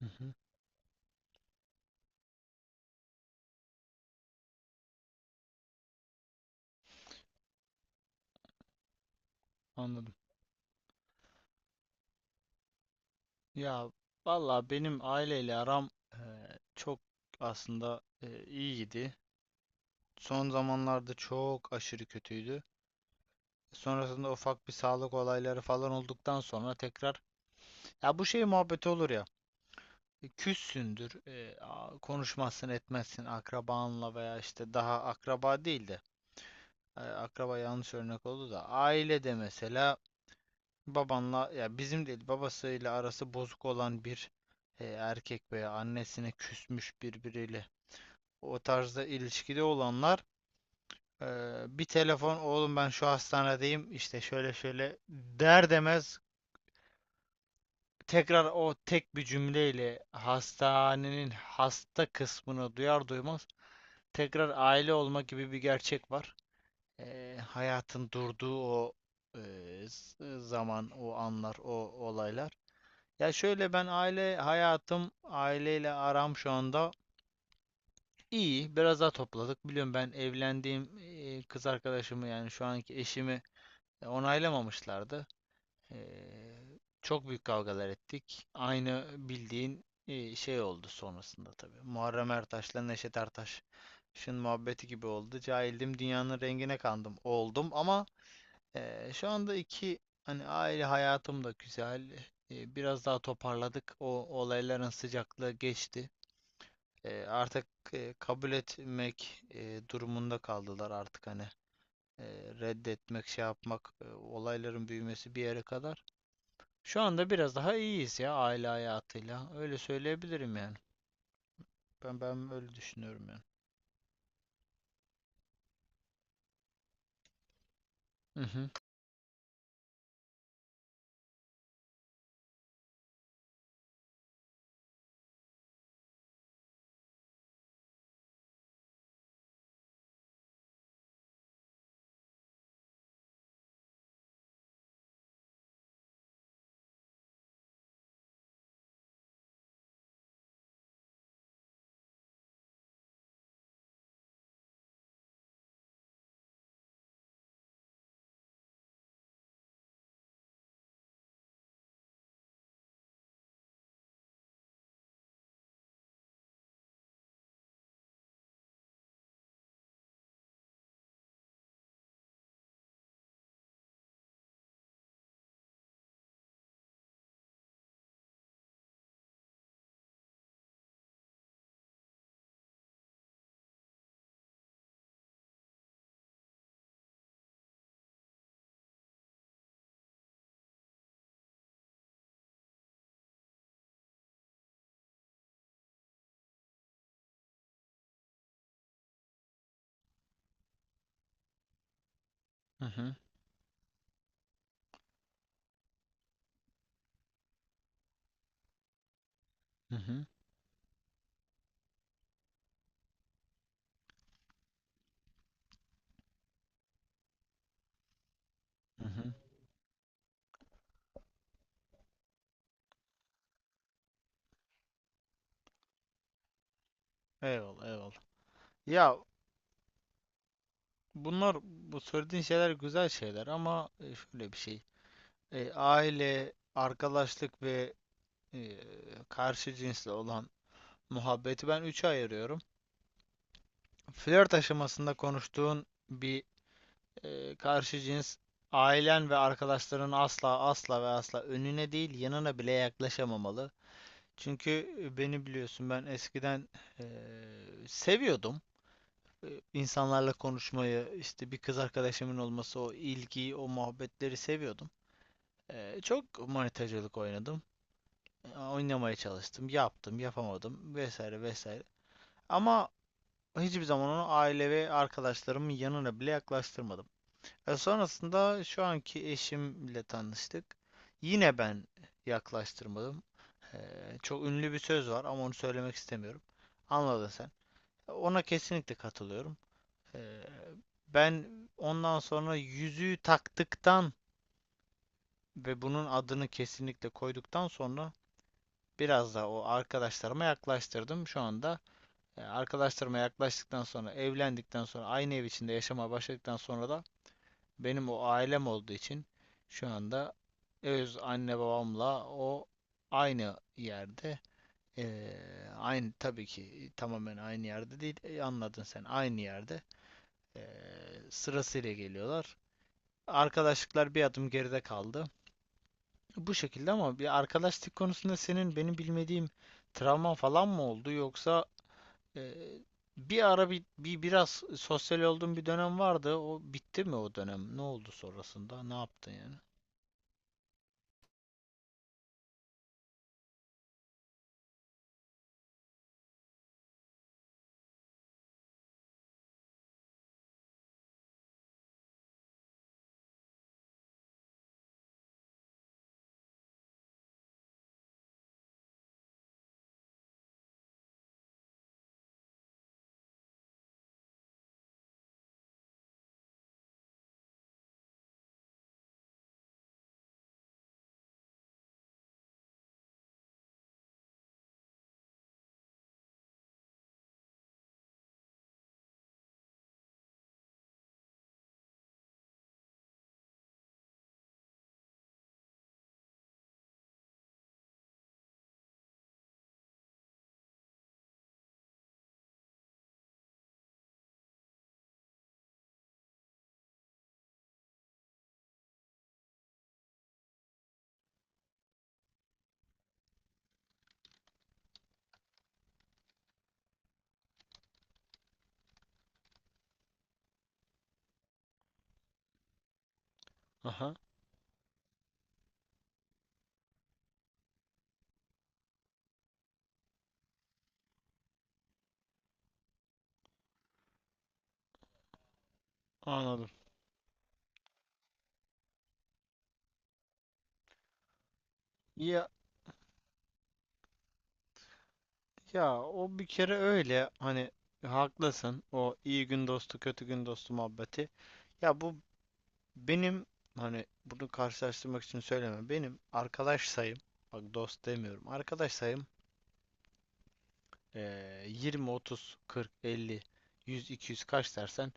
Hı hı, anladım. Ya valla benim aileyle aram çok aslında iyiydi. Son zamanlarda çok aşırı kötüydü. Sonrasında ufak bir sağlık olayları falan olduktan sonra tekrar ya bu şey muhabbeti olur ya. Küssündür, konuşmazsın, etmezsin akrabanla veya işte daha akraba değil de akraba yanlış örnek oldu da ailede mesela babanla ya bizim değil babasıyla arası bozuk olan bir erkek veya annesine küsmüş birbiriyle o tarzda ilişkide olanlar, e, bir telefon oğlum ben şu hastanedeyim işte şöyle şöyle der demez tekrar o tek bir cümleyle hastanenin hasta kısmını duyar duymaz tekrar aile olma gibi bir gerçek var. Hayatın durduğu o e, zaman, o anlar, o olaylar. Ya şöyle, ben aile hayatım, aileyle aram şu anda iyi. Biraz daha topladık. Biliyorum, ben evlendiğim kız arkadaşımı yani şu anki eşimi onaylamamışlardı. Çok büyük kavgalar ettik. Aynı bildiğin şey oldu sonrasında tabii. Muharrem Ertaş'la Neşet Ertaş'ın muhabbeti gibi oldu. Cahildim, dünyanın rengine kandım oldum ama şu anda iki hani aile hayatım da güzel. Biraz daha toparladık. O olayların sıcaklığı geçti. Artık kabul etmek durumunda kaldılar artık hani e, reddetmek şey yapmak, olayların büyümesi bir yere kadar. Şu anda biraz daha iyiyiz ya aile hayatıyla. Öyle söyleyebilirim yani. Ben öyle düşünüyorum yani. Hı hı. Hı hı. Hı hı. Hı hı. Eyvallah, eyvallah. Ya, bunlar, bu söylediğin şeyler güzel şeyler ama şöyle bir şey. Aile, arkadaşlık ve e, karşı cinsle olan muhabbeti ben üçe ayırıyorum. Flört aşamasında konuştuğun bir karşı cins, ailen ve arkadaşların asla, asla ve asla önüne değil yanına bile yaklaşamamalı. Çünkü beni biliyorsun, ben eskiden seviyordum. E, insanlarla konuşmayı, işte bir kız arkadaşımın olması, o ilgiyi, o muhabbetleri seviyordum. Çok manitacılık oynadım. Oynamaya çalıştım, yaptım, yapamadım vesaire vesaire. Ama hiçbir zaman onu aile ve arkadaşlarımın yanına bile yaklaştırmadım. Sonrasında şu anki eşimle tanıştık. Yine ben yaklaştırmadım. E, Çok ünlü bir söz var ama onu söylemek istemiyorum. Anladın sen. Ona kesinlikle katılıyorum. Ee, Ben ondan sonra yüzüğü taktıktan ve bunun adını kesinlikle koyduktan sonra biraz da o arkadaşlarıma yaklaştırdım. Şu anda arkadaşlarıma yaklaştıktan sonra, evlendikten sonra, aynı ev içinde yaşamaya başladıktan sonra da benim o ailem olduğu için şu anda öz anne babamla o aynı yerde, e, aynı tabii ki tamamen aynı yerde değil, anladın sen, aynı yerde e, sırasıyla geliyorlar. Arkadaşlıklar bir adım geride kaldı. Bu şekilde. Ama bir arkadaşlık konusunda senin benim bilmediğim travman falan mı oldu, yoksa e, bir ara biraz sosyal olduğun bir dönem vardı. O bitti mi o dönem? Ne oldu sonrasında? Ne yaptın yani? Aha, anladım. Ya, ya o bir kere öyle, hani haklısın. O iyi gün dostu, kötü gün dostu muhabbeti. Ya bu, benim, hani bunu karşılaştırmak için söyleme. Benim arkadaş sayım, bak dost demiyorum, arkadaş sayım 20, 30, 40, 50, 100, 200, kaç dersen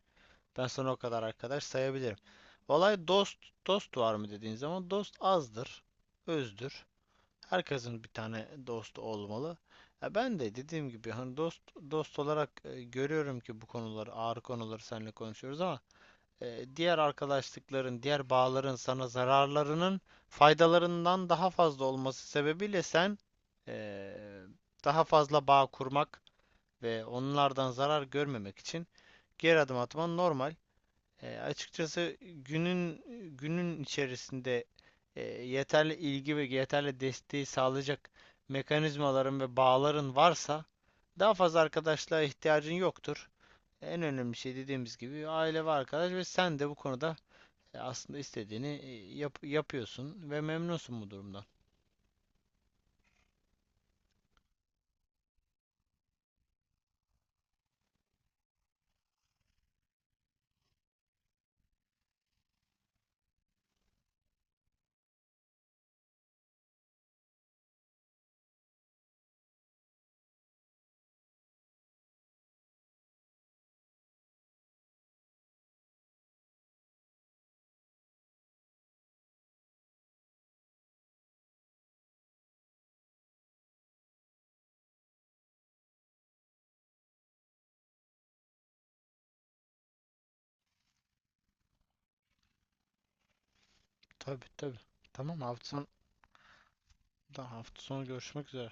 ben sana o kadar arkadaş sayabilirim. Olay dost. Dost var mı dediğin zaman, dost azdır, özdür. Herkesin bir tane dostu olmalı. Ya ben de dediğim gibi, hani dost olarak görüyorum ki bu konuları, ağır konuları seninle konuşuyoruz ama diğer arkadaşlıkların, diğer bağların sana zararlarının faydalarından daha fazla olması sebebiyle sen e, daha fazla bağ kurmak ve onlardan zarar görmemek için geri adım atman normal. Açıkçası günün içerisinde yeterli ilgi ve yeterli desteği sağlayacak mekanizmaların ve bağların varsa daha fazla arkadaşlığa ihtiyacın yoktur. En önemli şey dediğimiz gibi aile ve arkadaş, ve sen de bu konuda aslında istediğini yapıyorsun ve memnunsun bu durumdan. Tabii, tabii. Tamam, hafta sonu görüşmek üzere.